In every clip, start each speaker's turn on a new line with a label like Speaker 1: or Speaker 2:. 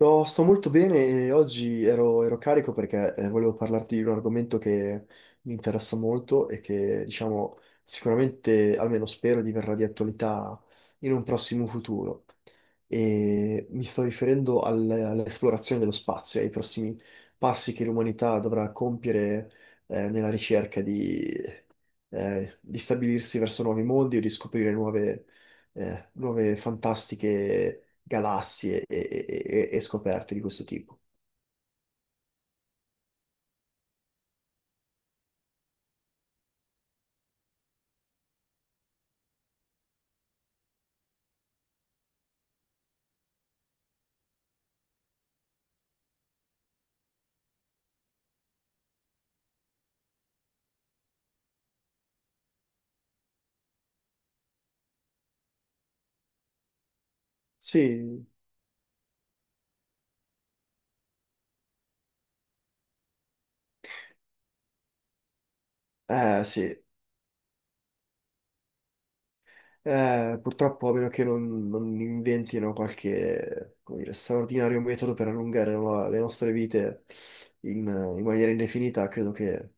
Speaker 1: No, sto molto bene e oggi ero, ero carico perché volevo parlarti di un argomento che mi interessa molto e che, diciamo, sicuramente, almeno spero, diverrà di attualità in un prossimo futuro. E mi sto riferendo all'esplorazione dello spazio e ai prossimi passi che l'umanità dovrà compiere, nella ricerca di stabilirsi verso nuovi mondi o di scoprire nuove, nuove fantastiche galassie e scoperte di questo tipo. Sì, sì. Purtroppo, a meno che non inventino qualche, come dire, straordinario metodo per allungare le nostre vite in, in maniera indefinita, credo che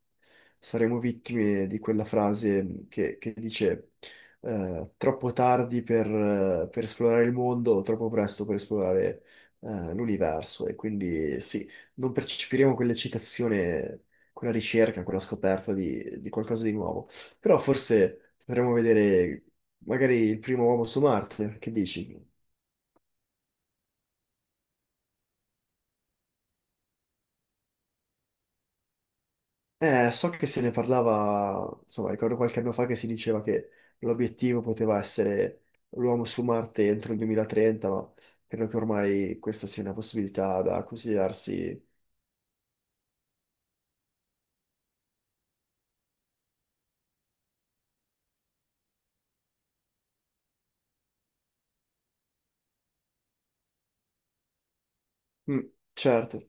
Speaker 1: saremo vittime di quella frase che dice troppo tardi per esplorare il mondo, troppo presto per esplorare l'universo. E quindi sì, non percepiremo quell'eccitazione, quella ricerca, quella scoperta di qualcosa di nuovo. Però forse potremmo vedere magari il primo uomo su Marte, che dici? So che se ne parlava, insomma, ricordo qualche anno fa che si diceva che l'obiettivo poteva essere l'uomo su Marte entro il 2030, ma credo che ormai questa sia una possibilità da considerarsi. Mm, certo,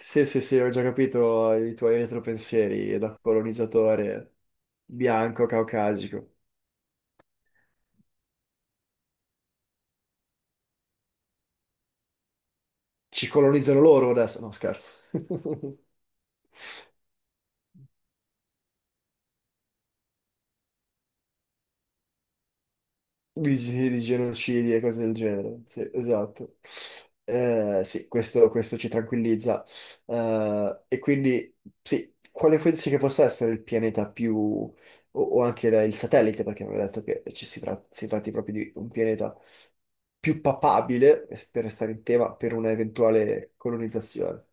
Speaker 1: sì, sì, sì, ho già capito i tuoi retropensieri da colonizzatore bianco caucasico. Ci colonizzano loro adesso? No, scherzo. Di, di genocidi e cose del genere, sì, esatto. Sì, questo, questo ci tranquillizza. E quindi, sì, quale pensi che possa essere il pianeta più, o anche il satellite, perché avevo detto che ci si, si tratti proprio di un pianeta più papabile, per restare in tema, per un'eventuale colonizzazione?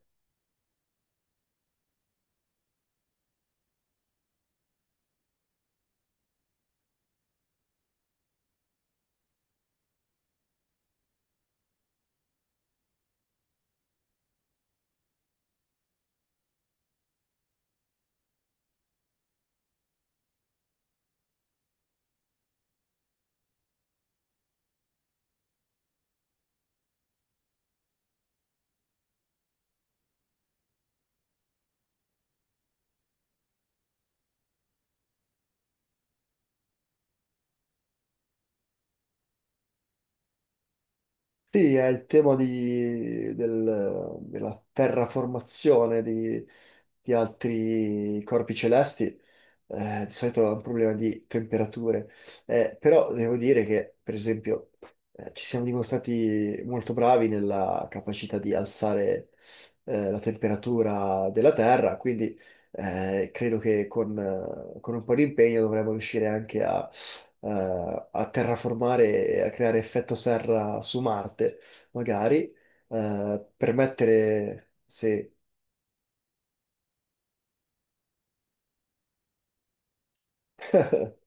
Speaker 1: Sì, è il tema della terraformazione di altri corpi celesti. Eh, di solito è un problema di temperature. Però devo dire che, per esempio, ci siamo dimostrati molto bravi nella capacità di alzare, la temperatura della Terra, quindi, credo che con un po' di impegno dovremmo riuscire anche a, a terraformare e a creare effetto serra su Marte, magari, per mettere, se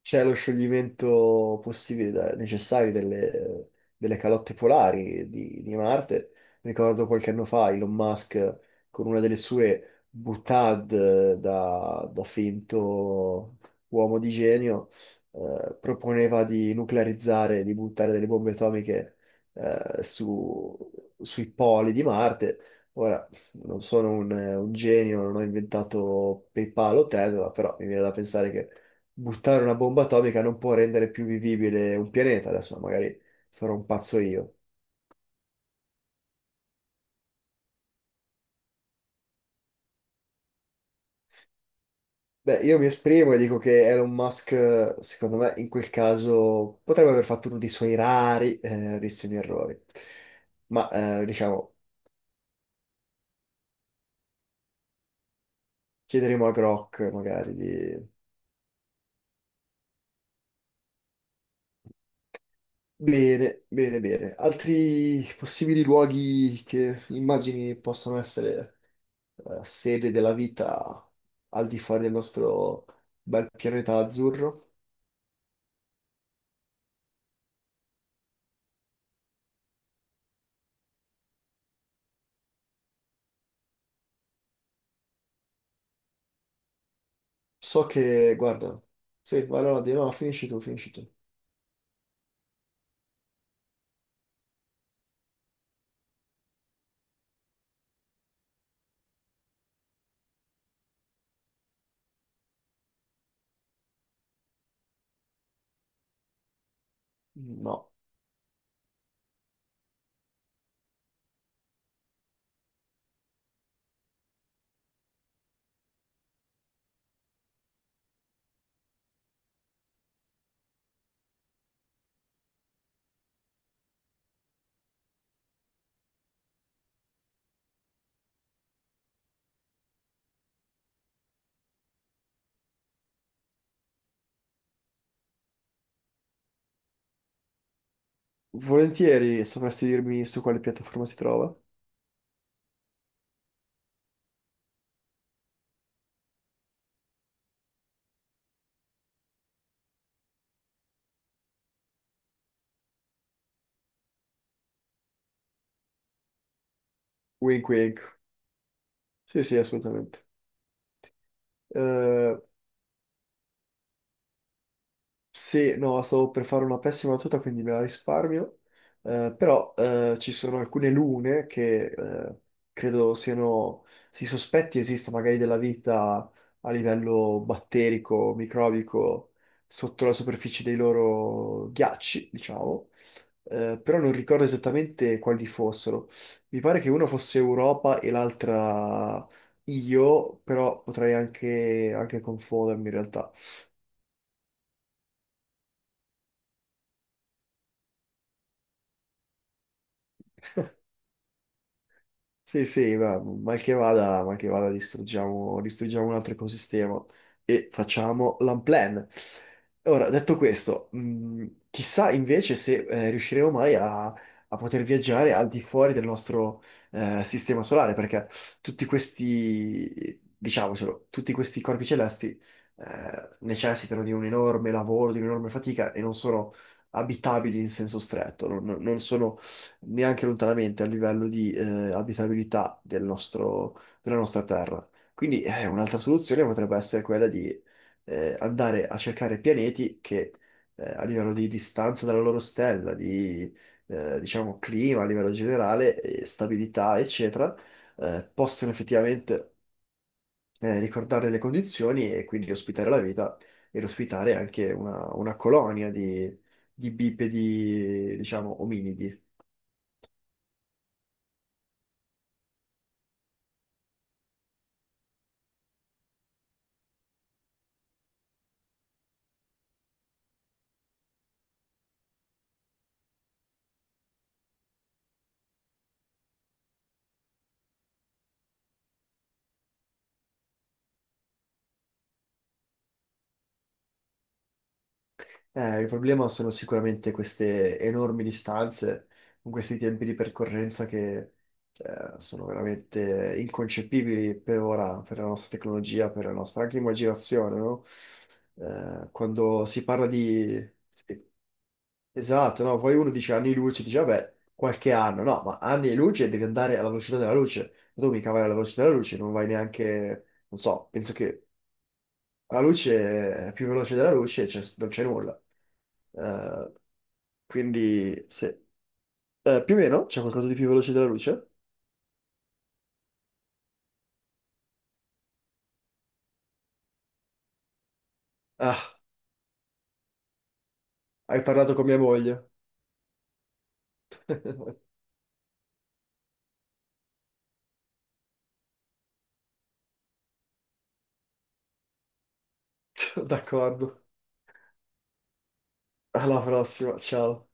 Speaker 1: c'è lo scioglimento possibile, necessario delle, delle calotte polari di Marte. Ricordo qualche anno fa Elon Musk con una delle sue boutade da finto uomo di genio, proponeva di nuclearizzare, di buttare delle bombe atomiche, eh, su- sui poli di Marte. Ora, non sono un genio, non ho inventato PayPal o Tesla, però mi viene da pensare che buttare una bomba atomica non può rendere più vivibile un pianeta. Adesso magari sarò un pazzo io. Beh, io mi esprimo e dico che Elon Musk, secondo me, in quel caso potrebbe aver fatto uno dei suoi rari, rarissimi errori. Ma, diciamo, chiederemo a Grok magari di... Bene, bene, bene. Altri possibili luoghi che immagini possono essere sede della vita al di fuori del nostro bel pianeta azzurro? So che, guarda, sì, ma allora no, finisci tu, finisci tu. No. Volentieri sapresti dirmi su quale piattaforma si trova? Wink wink. Sì, sì, assolutamente. Eh, Sì, no, stavo per fare una pessima battuta, quindi me la risparmio. Però ci sono alcune lune che credo siano, si sospetti esista magari della vita a livello batterico, microbico, sotto la superficie dei loro ghiacci, diciamo. Però non ricordo esattamente quali fossero. Mi pare che una fosse Europa e l'altra io, però potrei anche confondermi in realtà. Sì, sì, ma mal che vada distruggiamo, distruggiamo un altro ecosistema e facciamo l'unplan. Ora, detto questo, chissà invece se riusciremo mai a, a poter viaggiare al di fuori del nostro sistema solare, perché tutti questi, diciamocelo, tutti questi corpi celesti necessitano di un enorme lavoro, di un'enorme fatica e non sono abitabili in senso stretto, non sono neanche lontanamente a livello di abitabilità del della nostra terra. Quindi un'altra soluzione potrebbe essere quella di andare a cercare pianeti che a livello di distanza dalla loro stella, di diciamo clima a livello generale, stabilità, eccetera, possono effettivamente ricordare le condizioni e quindi ospitare la vita ed ospitare anche una colonia di bipedi, diciamo, ominidi. Il problema sono sicuramente queste enormi distanze, con questi tempi di percorrenza che sono veramente inconcepibili per ora, per la nostra tecnologia, per la nostra anche immaginazione, no? Quando si parla di... sì, esatto, no? Poi uno dice anni luce, dice vabbè, qualche anno, no, ma anni e luce devi andare alla velocità della luce, tu mica vai alla velocità della luce, non vai neanche, non so, penso che la luce è più veloce della luce, cioè, non c'è nulla. Eh, quindi, se... più o meno c'è qualcosa di più veloce della luce? Ah, hai parlato con mia moglie. D'accordo. Alla prossima, ciao.